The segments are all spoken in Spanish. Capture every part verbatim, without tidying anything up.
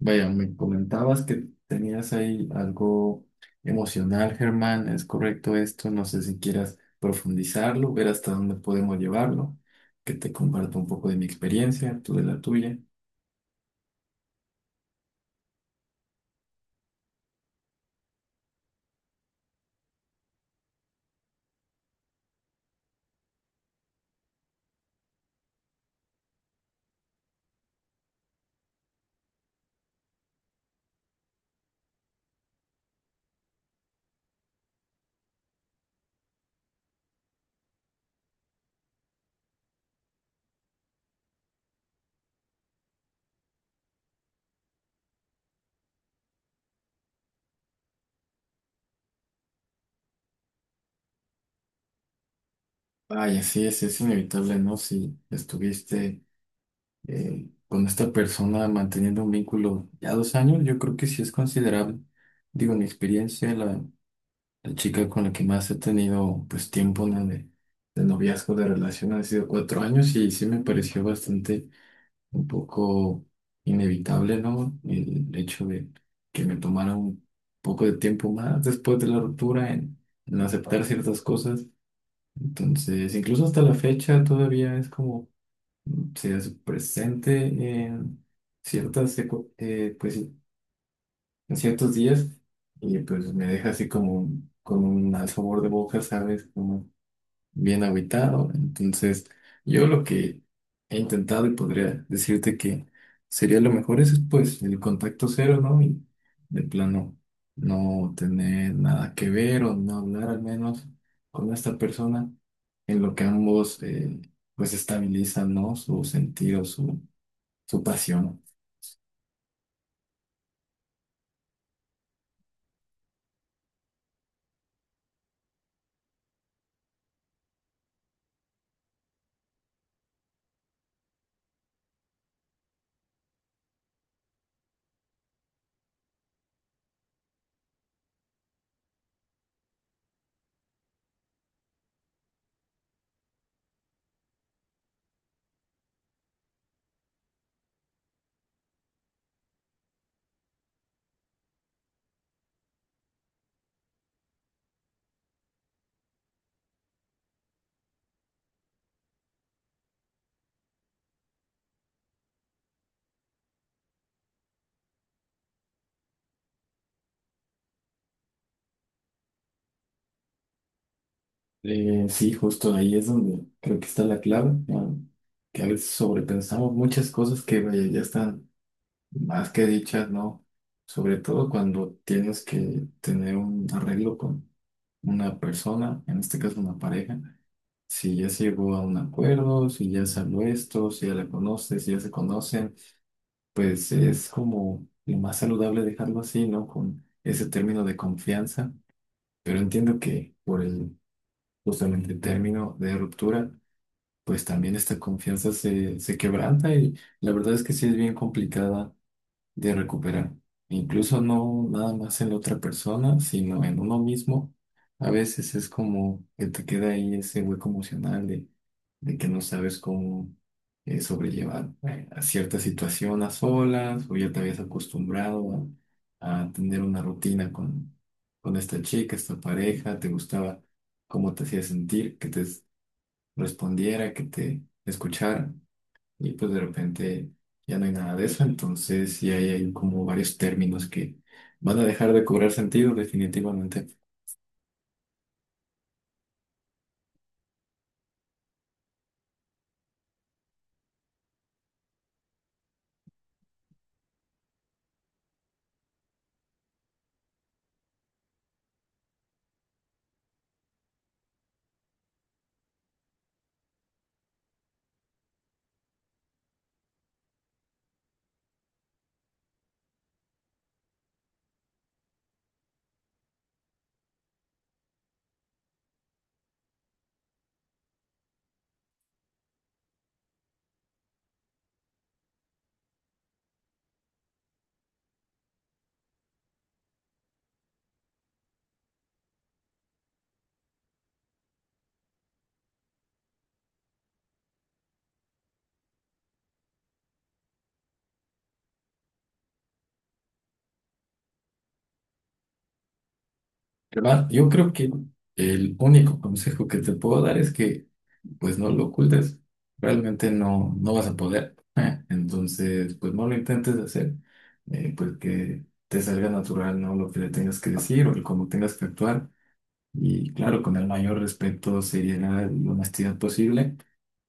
Vaya, me comentabas que tenías ahí algo emocional, Germán. ¿Es correcto esto? No sé si quieras profundizarlo, ver hasta dónde podemos llevarlo, que te comparto un poco de mi experiencia, tú de la tuya. Vaya, sí, es, es inevitable, ¿no? Si estuviste eh, con esta persona manteniendo un vínculo ya dos años, yo creo que sí es considerable. Digo, mi experiencia, la, la chica con la que más he tenido pues tiempo, ¿no? de, de noviazgo, de relación, han sido cuatro años y sí me pareció bastante un poco inevitable, ¿no? El hecho de que me tomara un poco de tiempo más después de la ruptura en, en aceptar ciertas cosas. Entonces, incluso hasta la fecha todavía es como se hace presente en ciertas, ecu- eh, pues sí, en ciertos días y pues me deja así como un- con un mal sabor de boca, ¿sabes? Bien agüitado. Entonces, yo lo que he intentado y podría decirte que sería lo mejor es pues el contacto cero, ¿no? Y de plano no tener nada que ver o no hablar al menos con esta persona en lo que ambos eh, pues estabilizan, ¿no? Su sentido, su, su pasión. Eh, sí, justo ahí es donde creo que está la clave, ¿no? Que a veces sobrepensamos muchas cosas que vaya, ya están más que dichas, ¿no? Sobre todo cuando tienes que tener un arreglo con una persona, en este caso una pareja, si ya se llegó a un acuerdo, si ya salió esto, si ya la conoces, si ya se conocen, pues es como lo más saludable dejarlo así, ¿no? Con ese término de confianza, pero entiendo que por el justamente término de ruptura, pues también esta confianza se, se quebranta y la verdad es que sí es bien complicada de recuperar. Incluso no nada más en la otra persona, sino en uno mismo. A veces es como que te queda ahí ese hueco emocional de, de que no sabes cómo eh, sobrellevar eh, a cierta situación a solas, o ya te habías acostumbrado a, a tener una rutina con, con esta chica, esta pareja. Te gustaba cómo te hacía sentir, que te respondiera, que te escuchara, y pues de repente ya no hay nada de eso. Entonces sí hay, hay como varios términos que van a dejar de cobrar sentido definitivamente. Pero yo creo que el único consejo que te puedo dar es que pues no lo ocultes, realmente no, no vas a poder, ¿eh? Entonces pues no lo intentes hacer, eh, pues que te salga natural, ¿no? Lo que le tengas que decir o el cómo tengas que actuar. Y claro, con el mayor respeto sería la honestidad posible.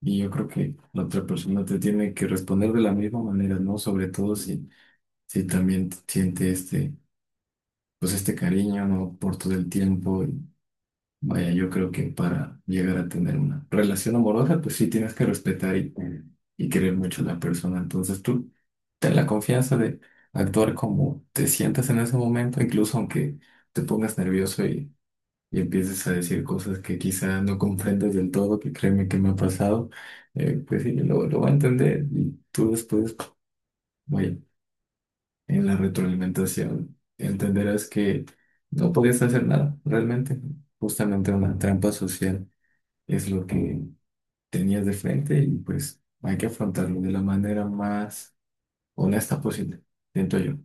Y yo creo que la otra persona te tiene que responder de la misma manera, ¿no? Sobre todo si, si también siente este, pues este cariño, ¿no? Por todo el tiempo. Y vaya, yo creo que para llegar a tener una relación amorosa, pues sí tienes que respetar y, y querer mucho a la persona. Entonces tú ten la confianza de actuar como te sientas en ese momento, incluso aunque te pongas nervioso y empiezas a decir cosas que quizá no comprendas del todo, que créeme que me ha pasado. Eh, pues sí, lo, lo va a entender y tú después, vaya, en la retroalimentación entenderás que no podías hacer nada, realmente, justamente una trampa social es lo que tenías de frente, y pues hay que afrontarlo de la manera más honesta posible, siento yo.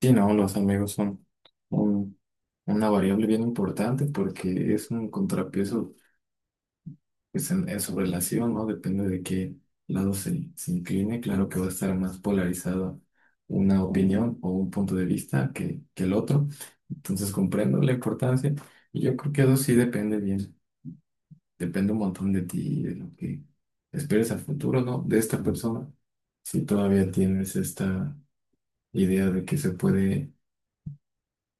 Sí, no, los amigos son un- una variable bien importante porque es un contrapeso pues en, en su relación, ¿no? Depende de qué lado se, se incline. Claro que va a estar más polarizado una opinión o un punto de vista que, que el otro. Entonces comprendo la importancia, y yo creo que eso sí depende bien. Depende un montón de ti y de lo que esperes al futuro, ¿no? De esta persona. Si todavía tienes esta idea de que se puede,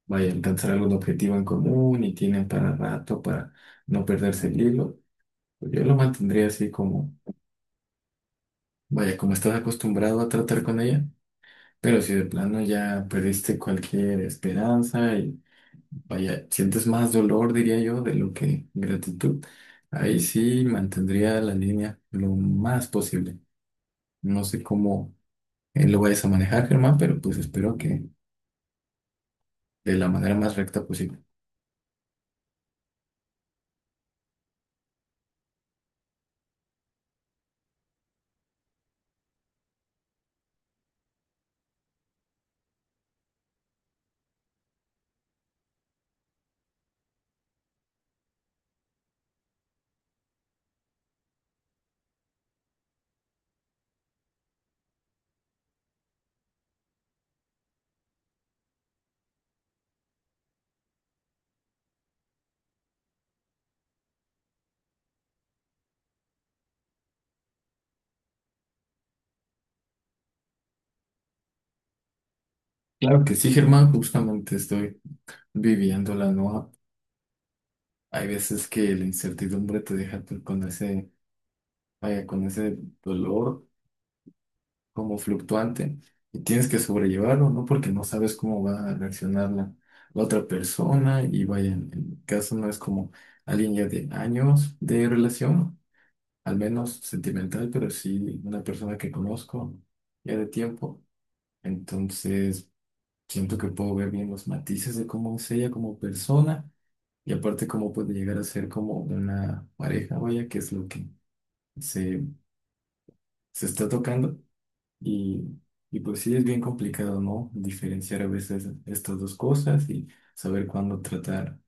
vaya, alcanzar algún objetivo en común y tienen para rato para no perderse el hilo, pues yo lo mantendría así como vaya, como estás acostumbrado a tratar con ella. Pero si de plano ya perdiste cualquier esperanza y vaya, sientes más dolor, diría yo, de lo que gratitud, ahí sí mantendría la línea lo más posible. No sé cómo eh, lo vayas a manejar, Germán, pero pues espero que de la manera más recta posible. Claro que sí, Germán, justamente estoy viviendo la nueva. Hay veces que la incertidumbre te deja tú con ese, vaya, con ese dolor como fluctuante y tienes que sobrellevarlo, ¿no? Porque no sabes cómo va a reaccionar la, la otra persona, y vaya, en en mi caso no es como alguien ya de años de relación, al menos sentimental, pero sí una persona que conozco ya de tiempo. Entonces siento que puedo ver bien los matices de cómo es ella como persona y aparte cómo puede llegar a ser como una pareja, vaya, que es lo que se, se está tocando. Y, y pues sí, es bien complicado, ¿no? Diferenciar a veces estas dos cosas y saber cuándo tratar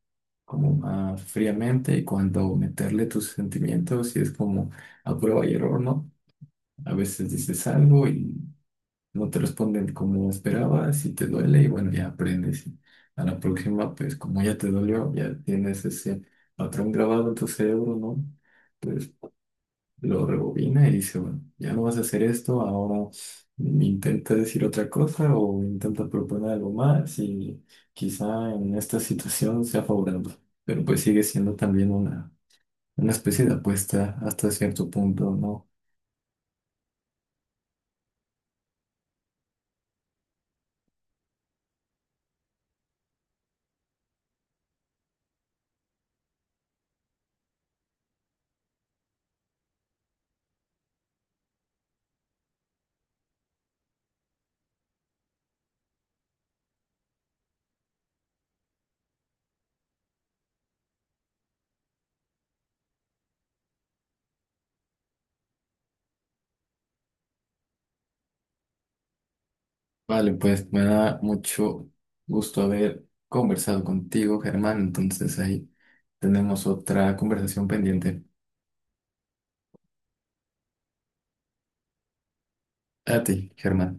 como más fríamente y cuándo meterle tus sentimientos, y es como a prueba y error, ¿no? A veces dices algo y no te responden como esperabas y te duele y bueno, ya aprendes. Y a la próxima, pues como ya te dolió, ya tienes ese patrón grabado en tu cerebro, ¿no? Pues, lo rebobina y dice, bueno, ya no vas a hacer esto, ahora intenta decir otra cosa o intenta proponer algo más y quizá en esta situación sea favorable. Pero pues sigue siendo también una, una especie de apuesta hasta cierto punto, ¿no? Vale, pues me da mucho gusto haber conversado contigo, Germán. Entonces ahí tenemos otra conversación pendiente. A ti, Germán.